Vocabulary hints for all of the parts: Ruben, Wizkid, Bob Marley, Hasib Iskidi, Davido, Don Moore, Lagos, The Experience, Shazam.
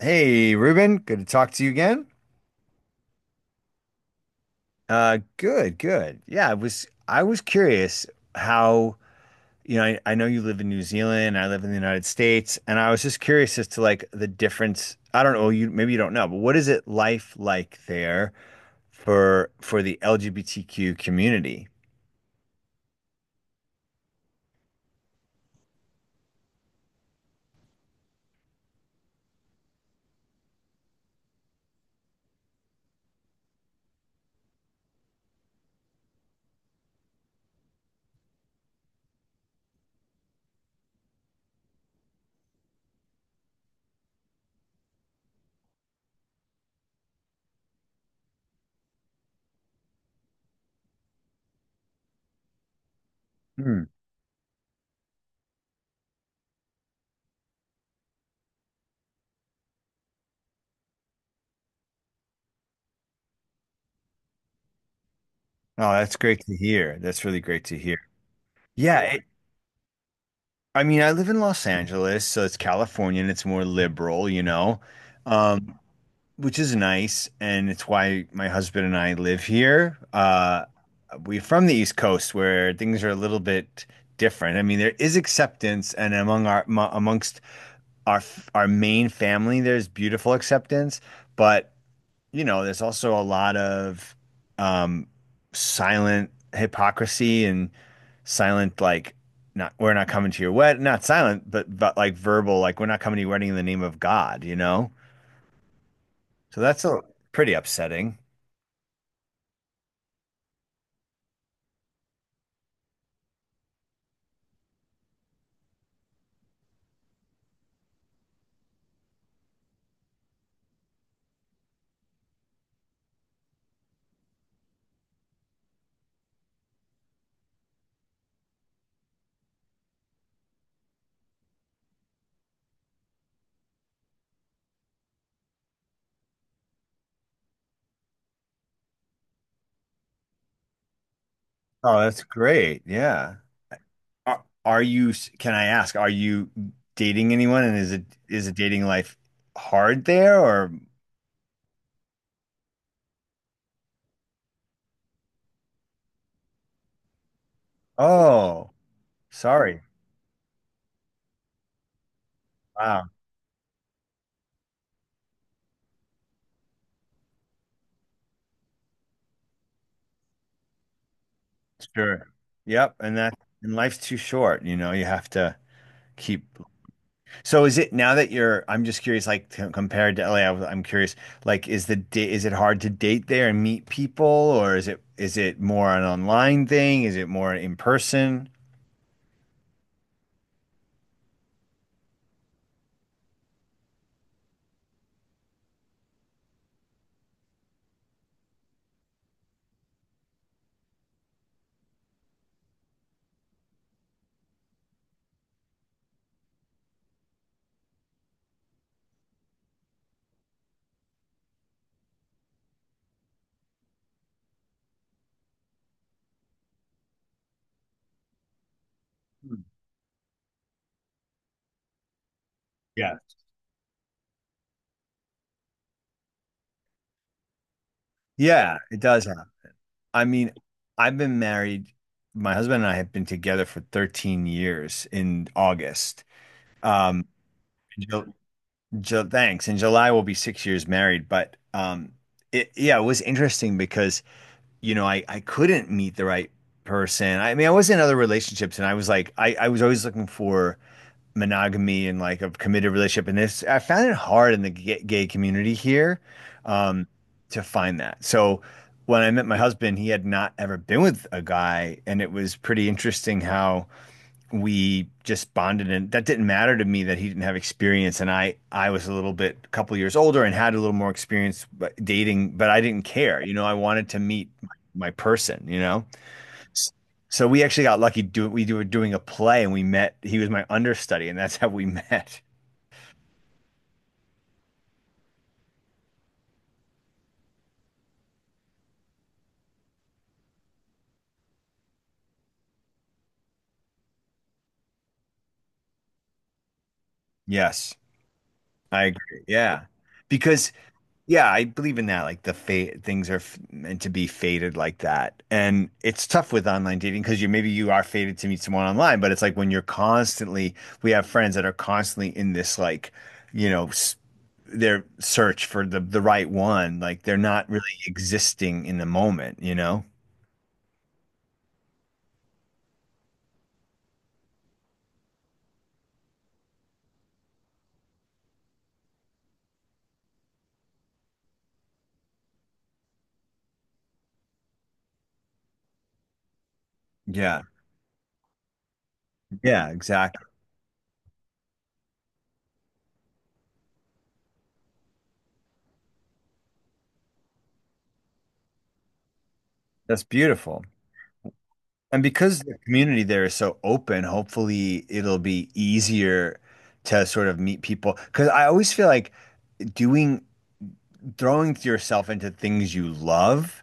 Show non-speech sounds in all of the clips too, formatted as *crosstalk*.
Hey, Ruben, good to talk to you again. Good, good. Yeah, I was curious how, you know, I know you live in New Zealand, I live in the United States, and I was just curious as to like the difference. I don't know, you maybe you don't know, but what is it life like there for the LGBTQ community? Hmm. Oh, that's great to hear. That's really great to hear. Yeah, it, I mean, I live in Los Angeles, so it's California and it's more liberal, you know. Um, which is nice, and it's why my husband and I live here. We're from the East Coast, where things are a little bit different. I mean, there is acceptance, and among our amongst our our main family, there's beautiful acceptance, but you know, there's also a lot of um, silent hypocrisy and silent like not we're not coming to your wedding. Not silent but like verbal, like we're not coming to your wedding in the name of God, you know? So that's a pretty upsetting. Oh, that's great. Yeah. Can I ask, are you dating anyone, and is it dating life hard there or oh, sorry. Wow. Sure. Yep, and life's too short, you know, you have to keep. So is it now that you're I'm just curious like compared to LA, I'm curious like is it hard to date there and meet people, or is it more an online thing? Is it more in person? Hmm. Yeah. Yeah, it does. I mean, I've been married. My husband and I have been together for 13 years in August. Um, Ju- Thanks. In July, we'll be 6 years married. But yeah, it was interesting because, you know, I couldn't meet the right person. I mean, I was in other relationships and I was like, I was always looking for monogamy and like a committed relationship, and this I found it hard in the gay community here um to find that. So when I met my husband, he had not ever been with a guy, and it was pretty interesting how we just bonded, and that didn't matter to me that he didn't have experience. And i was a little bit a couple years older and had a little more experience dating, but I didn't care, you know, I wanted to meet my person, you know, so we actually got lucky. Do we were doing a play, and we met. He was my understudy, and that's *laughs* how we met. Yes, I agree. Yeah, because yeah, I believe in that. Like the fate, things are f meant to be fated like that, and it's tough with online dating because you maybe you are fated to meet someone online, but it's like when you're constantly. We have friends that are constantly in this like, you know, s their search for the right one. Like they're not really existing in the moment, you know? Yeah. Yeah, exactly. That's beautiful. And because the community there is so open, hopefully it'll be easier to sort of meet people. Because I always feel like doing, throwing yourself into things you love,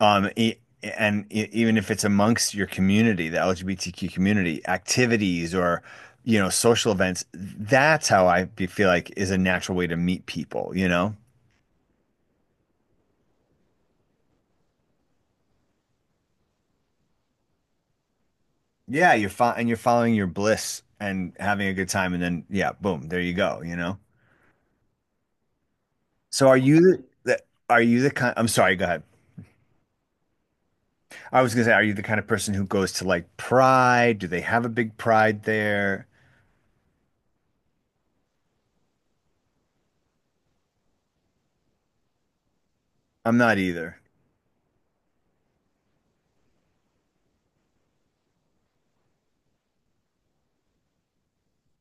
um, e- and even if it's amongst your community, the LGBTQ community, activities or, you know, social events, that's how I feel like is a natural way to meet people, you know? Yeah, you're fo and you're following your bliss and having a good time, and then yeah, boom, there you go, you know? So are you are you the kind, I'm sorry, go ahead. I was gonna say, are you the kind of person who goes to like Pride? Do they have a big Pride there? I'm not either.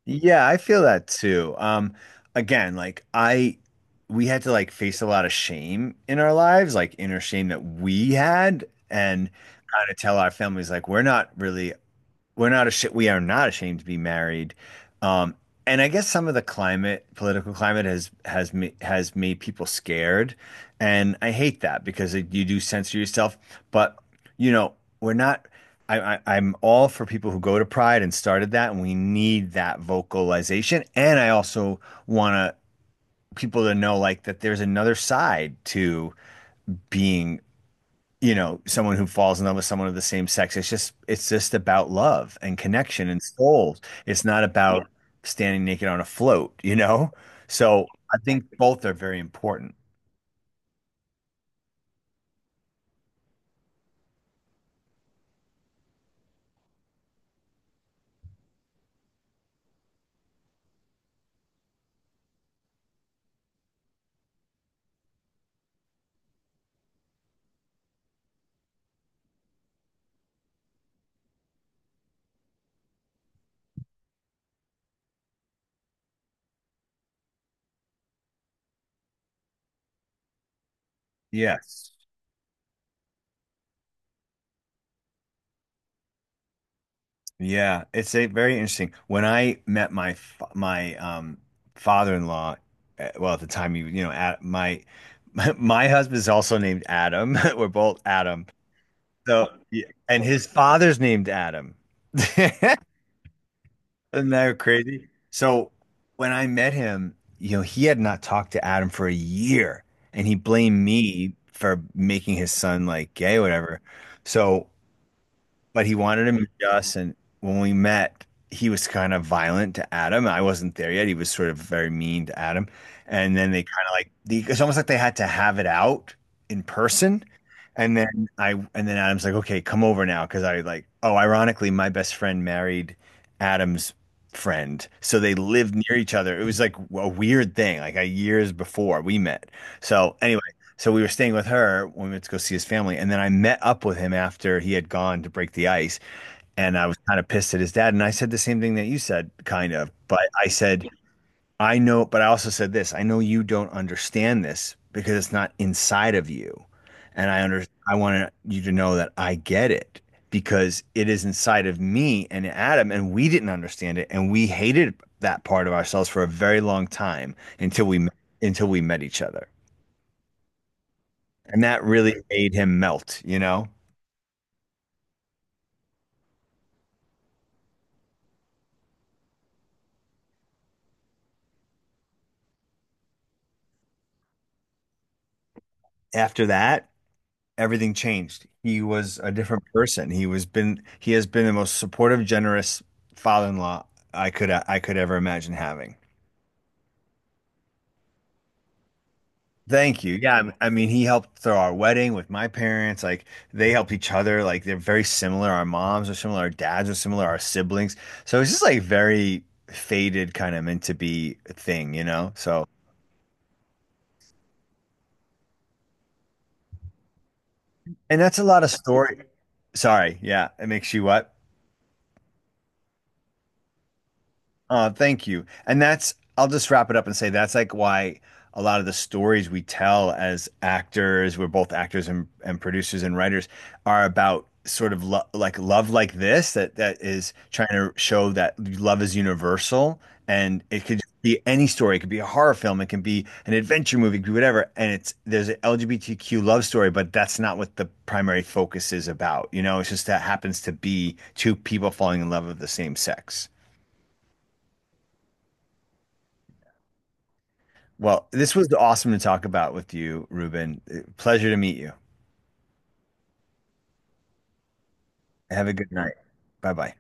Yeah, I feel that too. Again, we had to like face a lot of shame in our lives, like inner shame that we had, and kind of tell our families like we're not ashamed, we are not ashamed to be married. Um, and I guess some of the climate, political climate has made people scared, and I hate that because it, you do censor yourself. But you know, we're not. I'm all for people who go to Pride and started that, and we need that vocalization. And I also want to people to know like that there's another side to being, you know, someone who falls in love with someone of the same sex. It's just about love and connection and souls. It's not yeah about standing naked on a float, you know? So I think both are very important. Yes. Yeah, it's a very interesting. When I met my father-in-law, well, at the time you know, at my *laughs* my husband's also named Adam. *laughs* We're both Adam. So, yeah, and his father's named Adam. *laughs* Isn't that crazy? So when I met him, you know, he had not talked to Adam for a year, and he blamed me for making his son like gay or whatever. So but he wanted to meet us. And when we met, he was kind of violent to Adam. I wasn't there yet. He was sort of very mean to Adam. And then they kind of like it's almost like they had to have it out in person. And then I and then Adam's like, okay, come over now, because I like oh, ironically, my best friend married Adam's friend, so they lived near each other. It was like a weird thing, like a years before we met. So anyway. So we were staying with her when we went to go see his family. And then I met up with him after he had gone to break the ice. And I was kind of pissed at his dad. And I said the same thing that you said, kind of. But I said, I know, but I also said this I know you don't understand this because it's not inside of you. And I want you to know that I get it because it is inside of me and Adam. And we didn't understand it. And we hated that part of ourselves for a very long time until we met each other. And that really made him melt, you know? After that, everything changed. He was a different person. He has been the most supportive, generous father-in-law I could ever imagine having. Thank you. Yeah, I mean, he helped throw our wedding with my parents. Like they helped each other. Like they're very similar. Our moms are similar. Our dads are similar. Our siblings. So it's just like very faded kind of meant to be thing, you know? So, and that's a lot of story. Sorry. Yeah, it makes you what? Oh, thank you. And that's, I'll just wrap it up and say that's like why a lot of the stories we tell as actors, we're both actors and producers and writers, are about sort of lo like love like this that is trying to show that love is universal, and it could be any story. It could be a horror film, it can be an adventure movie, it could be whatever. And it's there's an LGBTQ love story, but that's not what the primary focus is about. You know, it's just that happens to be two people falling in love of the same sex. Well, this was awesome to talk about with you, Ruben. Pleasure to meet you. Have a good night. Bye bye.